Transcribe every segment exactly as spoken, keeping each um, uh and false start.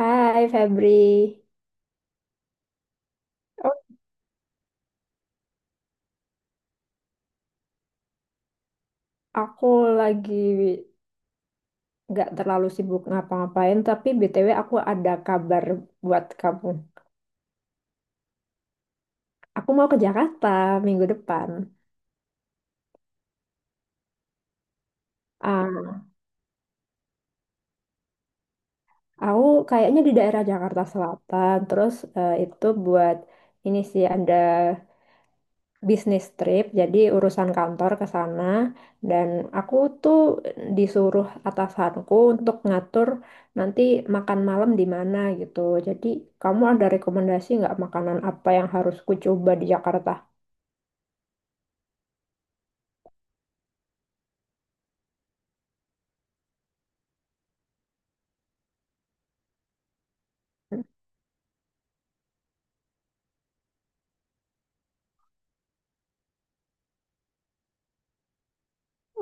Hai Febri. Oh, aku lagi gak terlalu sibuk ngapa-ngapain, tapi B T W aku ada kabar buat kamu. Aku mau ke Jakarta minggu depan. Ah, aku kayaknya di daerah Jakarta Selatan, terus eh, itu buat ini sih ada bisnis trip, jadi urusan kantor ke sana dan aku tuh disuruh atasanku untuk ngatur nanti makan malam di mana gitu. Jadi kamu ada rekomendasi nggak makanan apa yang harus ku coba di Jakarta?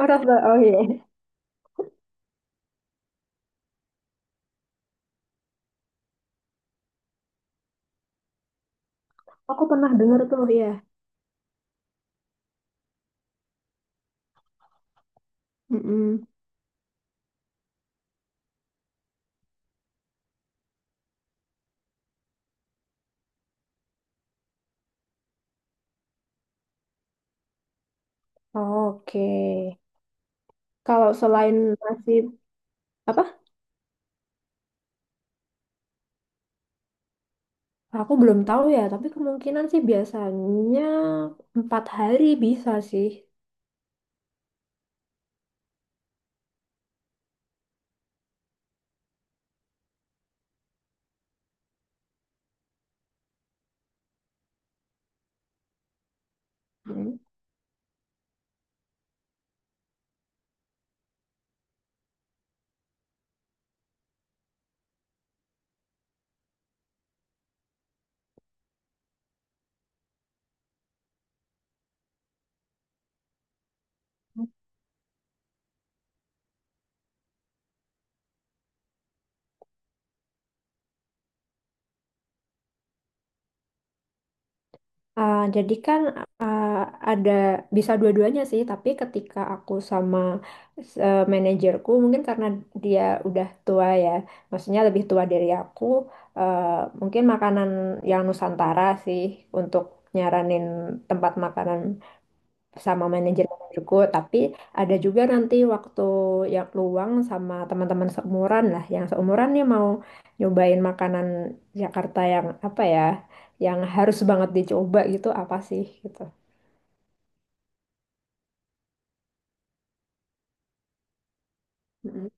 Oh, Ras- Ba- oh iya, aku pernah dengar tuh ya. Mm-mm. Oke, kalau selain nasi apa? Aku belum tahu ya, tapi kemungkinan sih biasanya empat hari bisa sih. Ah, jadi kan ah, ada bisa dua-duanya sih, tapi ketika aku sama eh, manajerku mungkin karena dia udah tua ya, maksudnya lebih tua dari aku, eh, mungkin makanan yang Nusantara sih untuk nyaranin tempat makanan sama manajer-manajerku, tapi ada juga nanti waktu yang luang sama teman-teman seumuran lah, yang seumuran nih mau nyobain makanan Jakarta yang apa ya, yang harus banget dicoba gitu apa sih gitu. Mm-mm.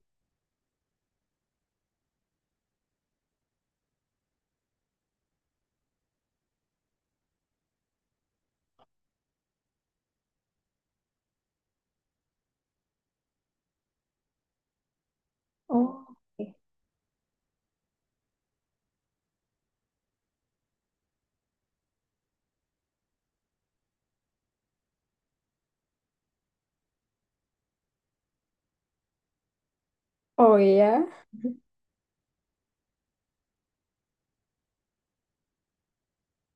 Oh, oke. Oh iya.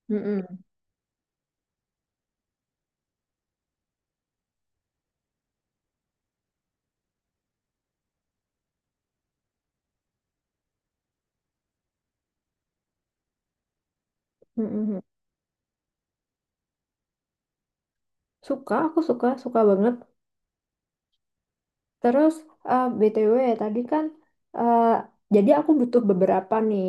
Mm-mm. Mm-mm. Suka, aku suka, suka banget. Terus eh, B T W tadi kan eh, jadi aku butuh beberapa nih.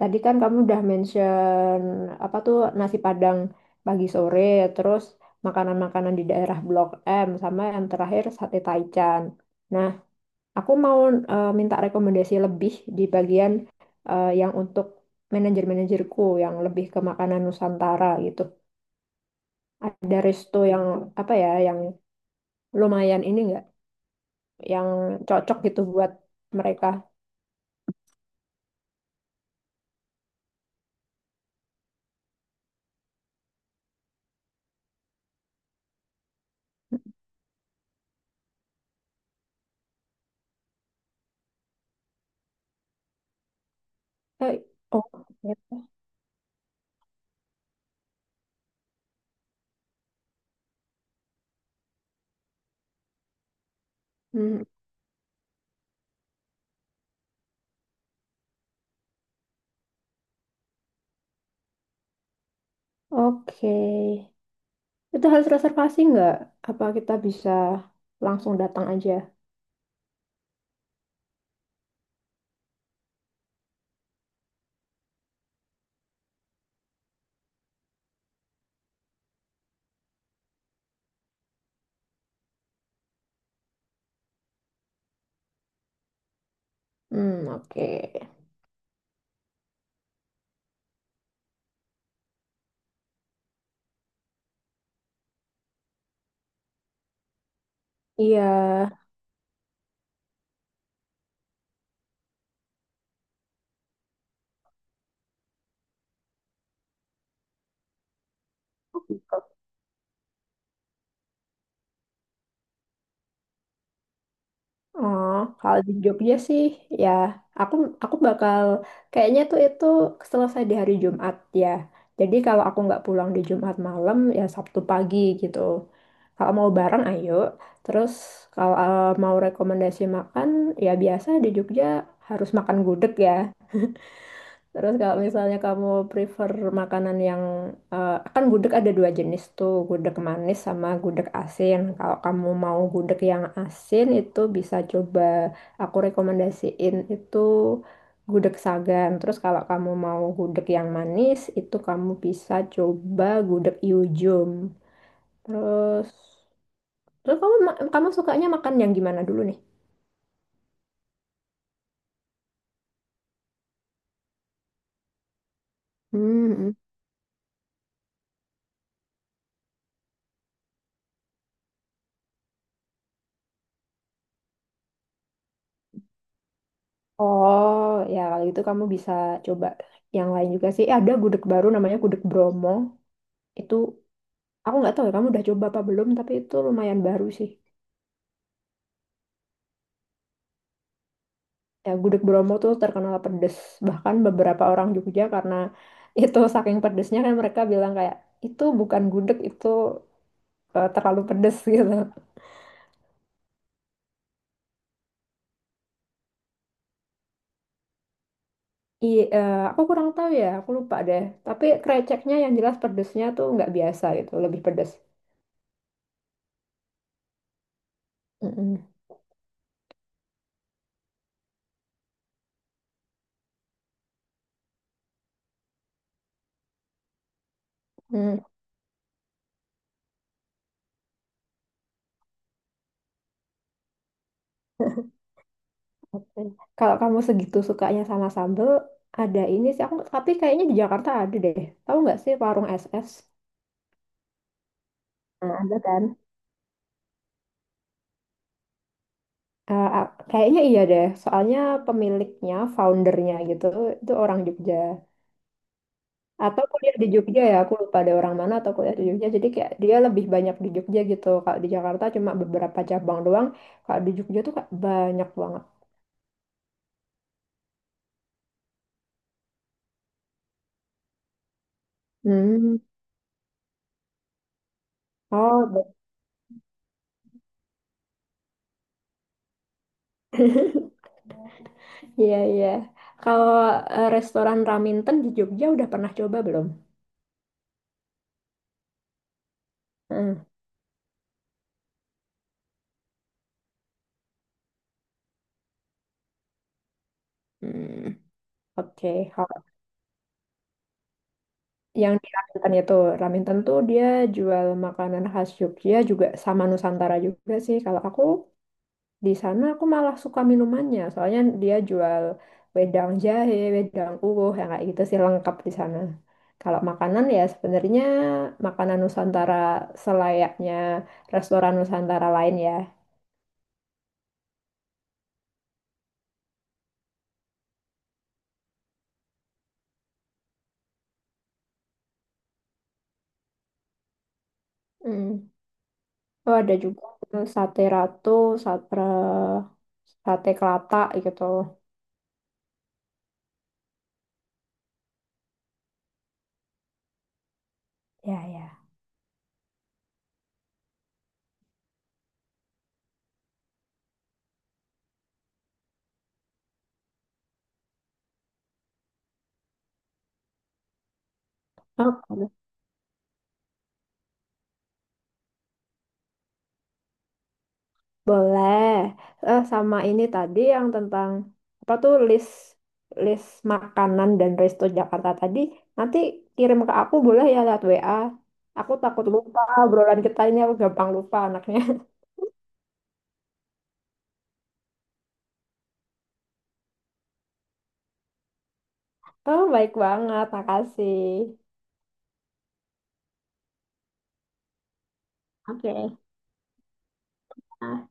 Tadi kan kamu udah mention apa tuh nasi Padang pagi sore, terus makanan-makanan di daerah Blok M sama yang terakhir sate Taichan. Nah, aku mau eh, minta rekomendasi lebih di bagian eh, yang untuk manajer-manajerku yang lebih ke makanan Nusantara gitu. Ada resto yang apa ya yang lumayan ini nggak, yang cocok gitu buat mereka. Eh, oh, oke. Hmm, oke. Itu harus reservasi nggak? Apa kita bisa langsung datang aja? Hmm, oke. Iya. Oh, kalau di Jogja sih, ya aku aku bakal kayaknya tuh itu selesai di hari Jumat ya. Jadi kalau aku nggak pulang di Jumat malam, ya Sabtu pagi gitu. Kalau mau bareng, ayo. Terus kalau eh, mau rekomendasi makan, ya biasa di Jogja harus makan gudeg ya. Terus kalau misalnya kamu prefer makanan yang eh, kan gudeg ada dua jenis tuh, gudeg manis sama gudeg asin. Kalau kamu mau gudeg yang asin itu bisa coba, aku rekomendasiin itu gudeg Sagan. Terus kalau kamu mau gudeg yang manis itu kamu bisa coba gudeg Iujum. Terus terus kamu ma- kamu sukanya makan yang gimana dulu nih? Hmm. Oh, ya kalau gitu kamu bisa coba yang lain juga sih. Eh, ada gudeg baru namanya gudeg Bromo. Itu aku nggak tahu ya kamu udah coba apa belum, tapi itu lumayan baru sih. Ya gudeg Bromo tuh terkenal pedes. Bahkan beberapa orang Jogja karena itu saking pedesnya kan mereka bilang kayak itu bukan gudeg, itu eh, terlalu pedes gitu. Iya, eh, aku kurang tahu ya, aku lupa deh. Tapi kreceknya yang jelas pedesnya tuh nggak biasa gitu, lebih pedes. Mm-mm. Mm. Oke. Kalau kamu segitu sukanya sama sambel, ada ini sih aku tapi kayaknya di Jakarta ada deh. Tahu nggak sih warung S S? Nah, ada kan? Eh, ah, kayaknya iya deh. Soalnya pemiliknya, foundernya gitu, itu orang Jogja. Atau kuliah di Jogja ya, aku lupa ada orang mana atau kuliah di Jogja. Jadi kayak dia lebih banyak di Jogja gitu. Kalau di Jakarta cuma beberapa cabang doang. Kalau di Jogja tuh kayak banyak banget. Hmm. Oh. Iya, iya. Kalau eh, restoran Raminten di Jogja udah pernah coba belum? Hmm. Hmm. Oke. Kalau yang di Raminten itu, Raminten tuh dia jual makanan khas Jogja juga sama Nusantara juga sih. Kalau aku di sana aku malah suka minumannya, soalnya dia jual wedang jahe, wedang uwuh, yang kayak gitu sih lengkap di sana. Kalau makanan ya sebenarnya makanan Nusantara selayaknya restoran Nusantara lain ya. Hmm. Oh, ada juga tuh sate ratu, sate sate kelata gitu. Ya, ya. Oh, boleh. Boleh. Eh, sama ini tadi yang tentang apa tuh list list makanan dan resto Jakarta tadi. Nanti kirim ke aku boleh ya lewat W A. Aku takut lupa obrolan kita ini aku gampang lupa anaknya. Oh, baik banget. Makasih. Oke. Ah.